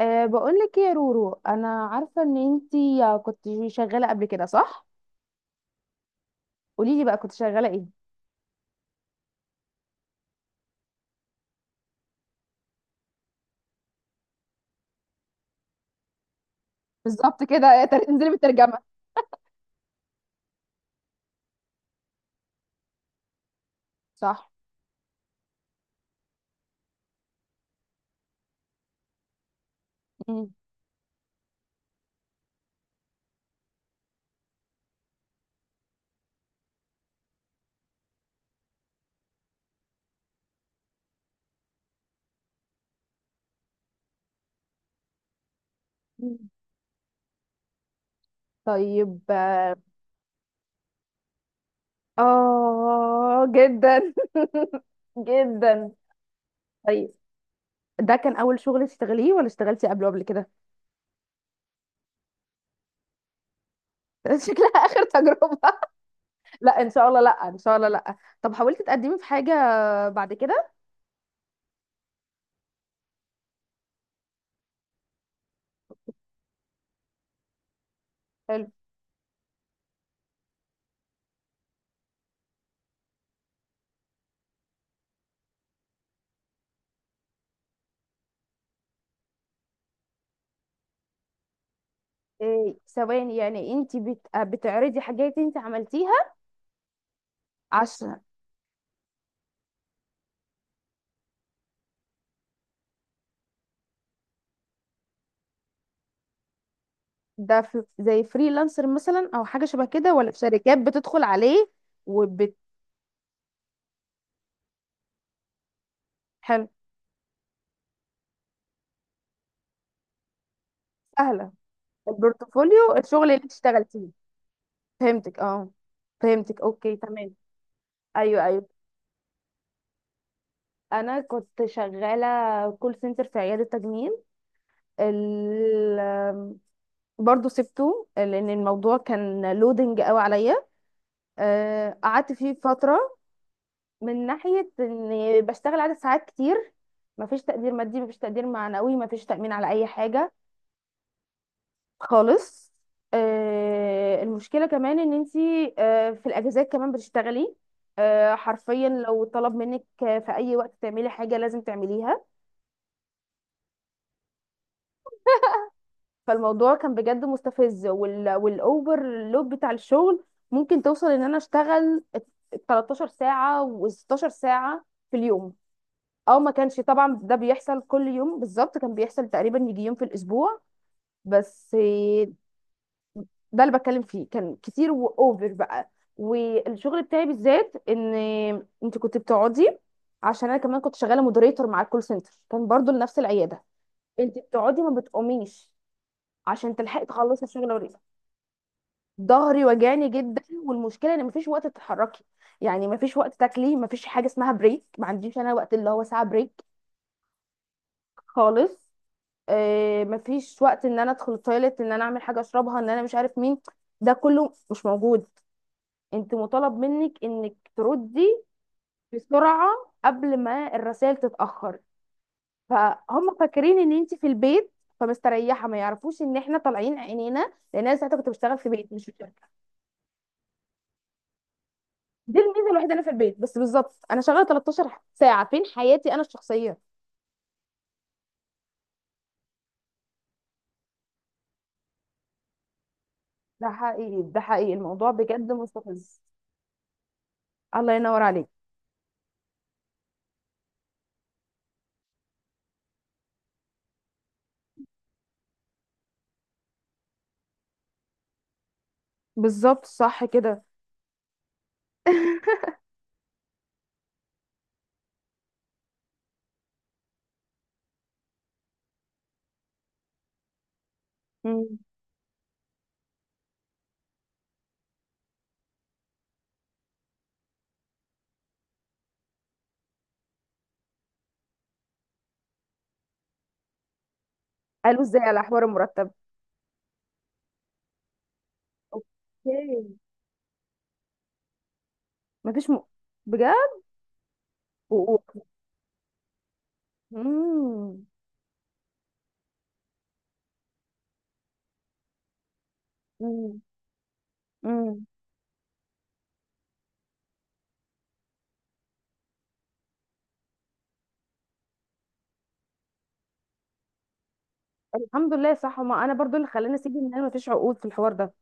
أه بقول لك يا رورو انا عارفه ان انتي كنت شغاله قبل كده، صح؟ قولي لي بقى كنت شغاله ايه. بالظبط كده. إيه، انزلي بالترجمة. صح. مم. طيب، اه. آه، جدا. جدا. طيب، ده كان اول شغل تشتغليه ولا اشتغلتي قبله قبل كده؟ شكلها آخر تجربة. لا ان شاء الله، لا ان شاء الله، لا. طب حاولتي تقدمي في حاجه بعد كده؟ حلو. إيه سواء، يعني انت بتعرضي حاجات انت عملتيها؟ عش... ده في زي فريلانسر مثلا او حاجه شبه كده، ولا في شركات بتدخل عليه وبت... حلو. سهله. البورتفوليو الشغل اللي اشتغل فيه. فهمتك، اه. فهمتك، اوكي تمام. ايوه ايوه. انا كنت شغاله كول سنتر في عياده تجميل. ال... برضه سبته لان الموضوع كان لودنج قوي عليا. قعدت فيه فتره. من ناحيه اني بشتغل عدد ساعات كتير. مفيش تقدير مادي، مفيش تقدير معنوي، مفيش تأمين على اي حاجه. خالص. المشكلة كمان ان انتي في الاجازات كمان بتشتغلي. حرفيا لو طلب منك في اي وقت تعملي حاجة لازم تعمليها. فالموضوع كان بجد مستفز والاوفر لود بتاع الشغل ممكن توصل ان انا اشتغل 13 ساعة و16 ساعة في اليوم. او ما كانش طبعا ده بيحصل كل يوم، بالظبط كان بيحصل تقريبا يجي يوم في الاسبوع بس. ده اللي بتكلم فيه كان كتير واوفر بقى. والشغل بتاعي بالذات ان انت كنت بتقعدي، عشان انا كمان كنت شغاله مودريتور مع الكول سنتر كان برضو لنفس العياده. انت بتقعدي ما بتقوميش عشان تلحقي تخلصي الشغل وريسه. ظهري وجعني جدا، والمشكله ان مفيش وقت تتحركي. يعني مفيش وقت تاكلي، مفيش حاجه اسمها بريك، ما عنديش انا وقت اللي هو ساعه بريك. خالص. مفيش وقت ان انا ادخل التويليت، ان انا اعمل حاجه اشربها، ان انا مش عارف مين. ده كله مش موجود. انت مطالب منك انك تردي بسرعة قبل ما الرسائل تتأخر. فهم فاكرين ان انت في البيت فمستريحة. ما يعرفوش ان احنا طالعين عينينا، لان انا ساعتها كنت بشتغل في بيت مش في شركة. دي الميزة الوحيدة، انا في البيت، بس بالظبط انا شغالة 13 ساعة، فين حياتي انا الشخصية؟ ده حقيقي، ده حقيقي، الموضوع بجد مستفز. الله ينور عليك. بالظبط صح كده. مم. قالوا ازاي على حوار المرتب؟ اوكي. مفيش م... بجد. و... و- مم. مم. مم. الحمد لله صح، ما انا برضو اللي خلاني اسيب ان انا مفيش عقود في الحوار ده.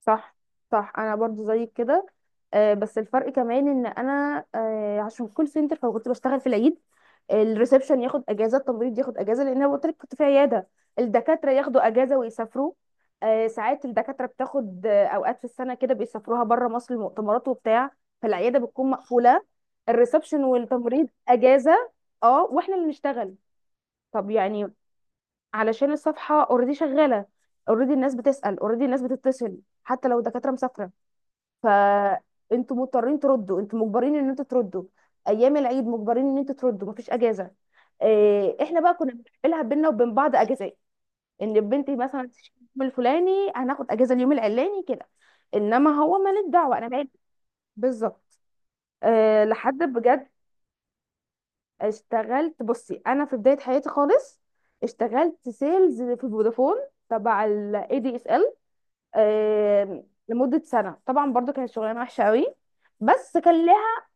صح. صح، انا برضو زيك كده. آه بس الفرق كمان ان انا آه عشان كول سنتر فكنت بشتغل في العيد. الريسبشن ياخد اجازه، التمريض ياخد اجازه، لان انا قلت لك كنت في عياده. الدكاتره ياخدوا اجازه ويسافروا. آه ساعات الدكاتره بتاخد آه اوقات في السنه كده بيسافروها بره مصر، المؤتمرات وبتاع. فالعياده بتكون مقفوله، الريسبشن والتمريض اجازه. اه واحنا اللي نشتغل. طب يعني؟ علشان الصفحه اوريدي شغاله، اوريدي الناس بتسال، اوريدي الناس بتتصل حتى لو الدكاتره مسافره. فانتوا مضطرين تردوا، انتوا مجبرين ان انتوا تردوا. ايام العيد مجبرين ان انتوا تردوا، مفيش اجازه. إيه احنا بقى كنا بنعملها بينا وبين بعض اجازات. ان بنتي مثلا تشتغل اليوم الفلاني، هناخد اجازه اليوم العلاني كده. انما هو مالك دعوه انا مالي. بالظبط. أه لحد بجد. اشتغلت، بصي انا في بدايه حياتي خالص اشتغلت سيلز في فودافون تبع الاي دي اس ال لمده سنه. طبعا برضو كانت شغلانه وحشه قوي بس كان لها،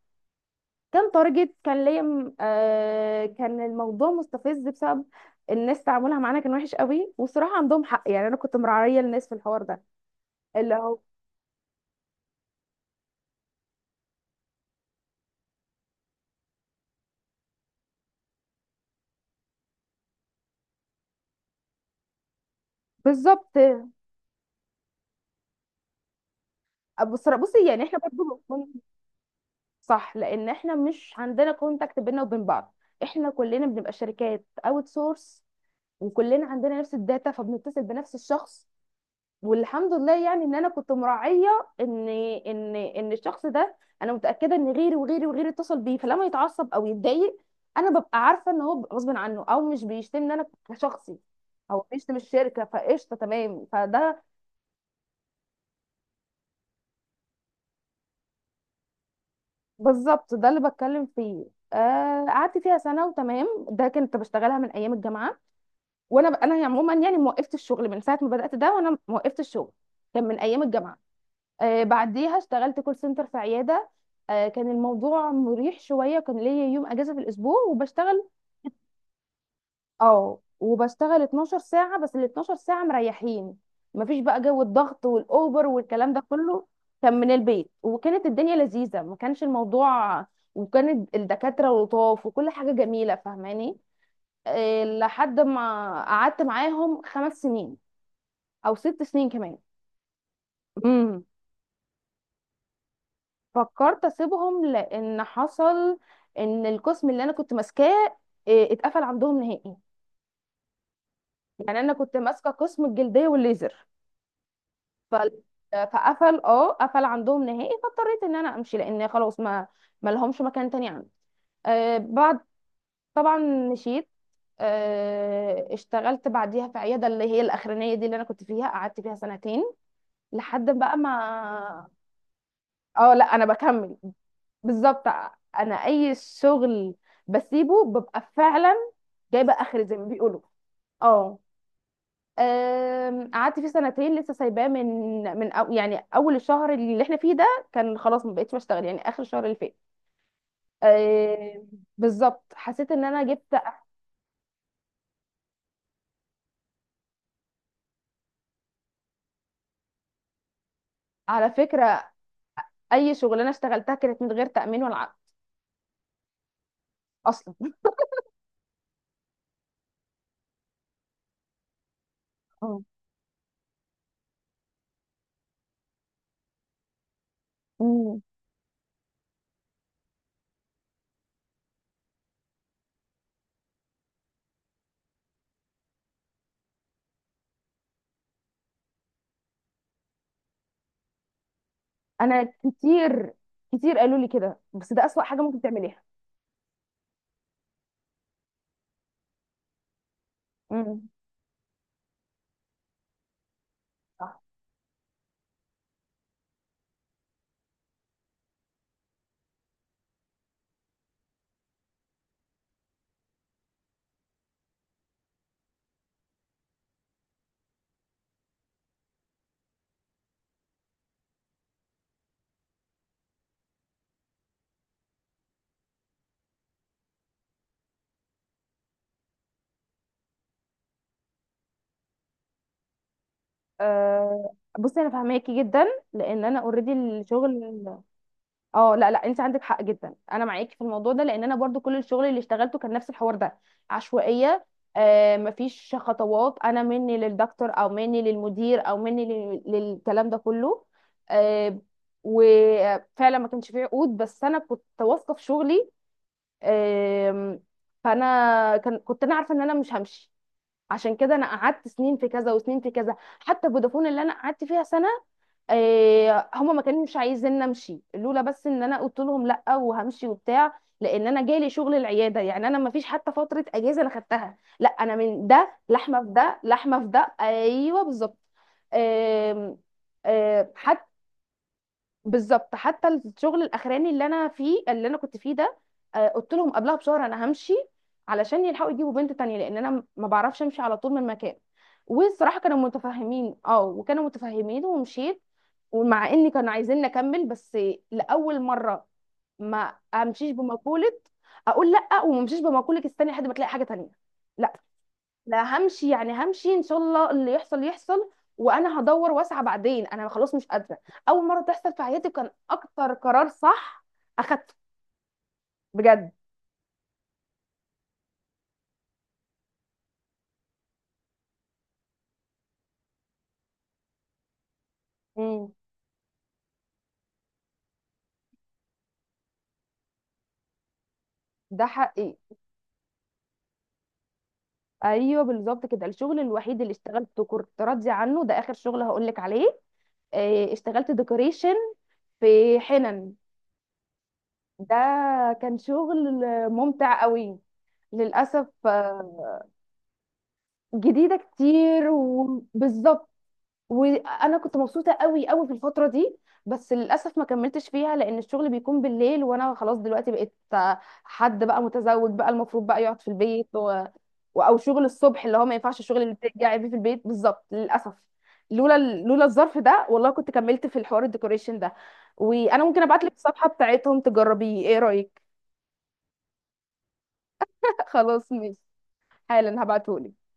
كان تارجت. كان ليا كان الموضوع مستفز بسبب الناس، تعاملها معانا كان وحش قوي. والصراحه عندهم حق، يعني انا كنت مرعيه الناس في الحوار ده. اللي هو بالظبط. بصي يعني احنا برضو صح، لان احنا مش عندنا كونتاكت بينا وبين بعض. احنا كلنا بنبقى شركات اوت سورس وكلنا عندنا نفس الداتا، فبنتصل بنفس الشخص. والحمد لله يعني ان انا كنت مراعيه ان ان الشخص ده، انا متاكده ان غيري وغيري وغيري اتصل بيه، فلما يتعصب او يتضايق انا ببقى عارفه ان هو غصب عنه او مش بيشتمني انا كشخصي، او بيشتم الشركه. فقشطه تمام. فده بالظبط ده اللي بتكلم فيه. قعدت فيها سنه وتمام. ده كنت بشتغلها من ايام الجامعه. وانا عموما يعني وقفت الشغل من ساعه ما بدات ده، وانا وقفت الشغل كان من ايام الجامعه. آه بعديها اشتغلت كول سنتر في عياده. آه كان الموضوع مريح شويه، كان ليا يوم اجازه في الاسبوع وبشتغل اه وبشتغل 12 ساعه، بس ال 12 ساعه مريحين. مفيش بقى جو الضغط والاوبر والكلام ده كله. كان من البيت، وكانت الدنيا لذيذه، ما كانش الموضوع. وكان الدكاتره لطاف وكل حاجه جميله، فاهماني؟ لحد ما قعدت معاهم 5 سنين او 6 سنين كمان. امم، فكرت اسيبهم لان حصل ان القسم اللي انا كنت ماسكاه إيه، اتقفل عندهم نهائي. يعني انا كنت ماسكه قسم الجلديه والليزر. ف... فقفل اه، قفل عندهم نهائي، فاضطريت ان انا امشي، لان خلاص ما لهمش مكان تاني عندي. آه بعد، طبعا مشيت. آه اشتغلت بعديها في عياده اللي هي الاخرانيه دي اللي انا كنت فيها، قعدت فيها سنتين لحد بقى ما... اه لا انا بكمل. بالظبط. انا اي شغل بسيبه ببقى فعلا جايبه اخري زي ما بيقولوا. اه. أم، قعدت فيه سنتين، لسه سايباه من من يعني اول الشهر اللي احنا فيه ده. كان خلاص ما بقتش بشتغل يعني اخر الشهر اللي فات. أم، بالظبط حسيت ان انا جبت. على فكره، اي شغلانه اشتغلتها كانت من غير تامين ولا عقد اصلا. اه. مم. انا كتير، كتير قالوا لي كده، بس ده اسوأ حاجه ممكن تعمليها. مم. أه بصي انا فاهماكي جدا، لان انا اوريدي الشغل. اه لا لا، انت عندك حق جدا، انا معاكي في الموضوع ده، لان انا برضو كل الشغل اللي اشتغلته كان نفس الحوار ده. عشوائيه. أه مفيش خطوات، انا مني للدكتور او مني للمدير او مني للكلام ده كله. أه. وفعلا ما كانش فيه عقود، بس انا كنت واثقه في شغلي. أه. فانا كنت انا عارفه ان انا مش همشي، عشان كده انا قعدت سنين في كذا وسنين في كذا. حتى فودافون اللي انا قعدت فيها سنه، آه، هم ما كانوش عايزين امشي، لولا بس ان انا قلت لهم لا وهمشي وبتاع، لان انا جالي شغل العياده. يعني انا ما فيش حتى فتره اجازه انا خدتها، لا انا من ده لحمه في ده لحمه في ده، ايوه بالظبط. آم، آم، حتى، بالظبط حتى الشغل الاخراني اللي انا فيه اللي انا كنت فيه ده، قلت لهم قبلها بشهر انا همشي، علشان يلحقوا يجيبوا بنت تانية، لان انا ما بعرفش امشي على طول من مكان. والصراحه كانوا متفهمين اه، وكانوا متفهمين ومشيت. ومع اني كانوا عايزين نكمل، بس لاول مره ما امشيش بمقوله اقول لا، وما امشيش بمقوله استني لحد ما تلاقي حاجه تانية. لا، لا همشي. يعني همشي ان شاء الله، اللي يحصل يحصل، وانا هدور واسعى بعدين. انا خلاص مش قادره. اول مره تحصل في حياتي كان اكتر قرار صح اخدته. بجد. امم. ده حقي. ايوه بالظبط كده. الشغل الوحيد اللي اشتغلته كنت راضيه عنه، ده اخر شغل هقول لك عليه. اشتغلت ديكوريشن في حنن. ده كان شغل ممتع قوي. للاسف، آه، جديده كتير وبالظبط. وانا كنت مبسوطه قوي قوي في الفتره دي، بس للاسف ما كملتش فيها لان الشغل بيكون بالليل، وانا خلاص دلوقتي بقيت حد بقى متزوج، بقى المفروض بقى يقعد في البيت او شغل الصبح، اللي هو ما ينفعش الشغل اللي بترجعي بيه في البيت بالظبط. للاسف. لولا الظرف ده والله كنت كملت في الحوار الديكوريشن ده. وانا ممكن ابعت لك الصفحه بتاعتهم تجربيه، ايه رايك؟ خلاص ماشي. حالا هبعتهولك.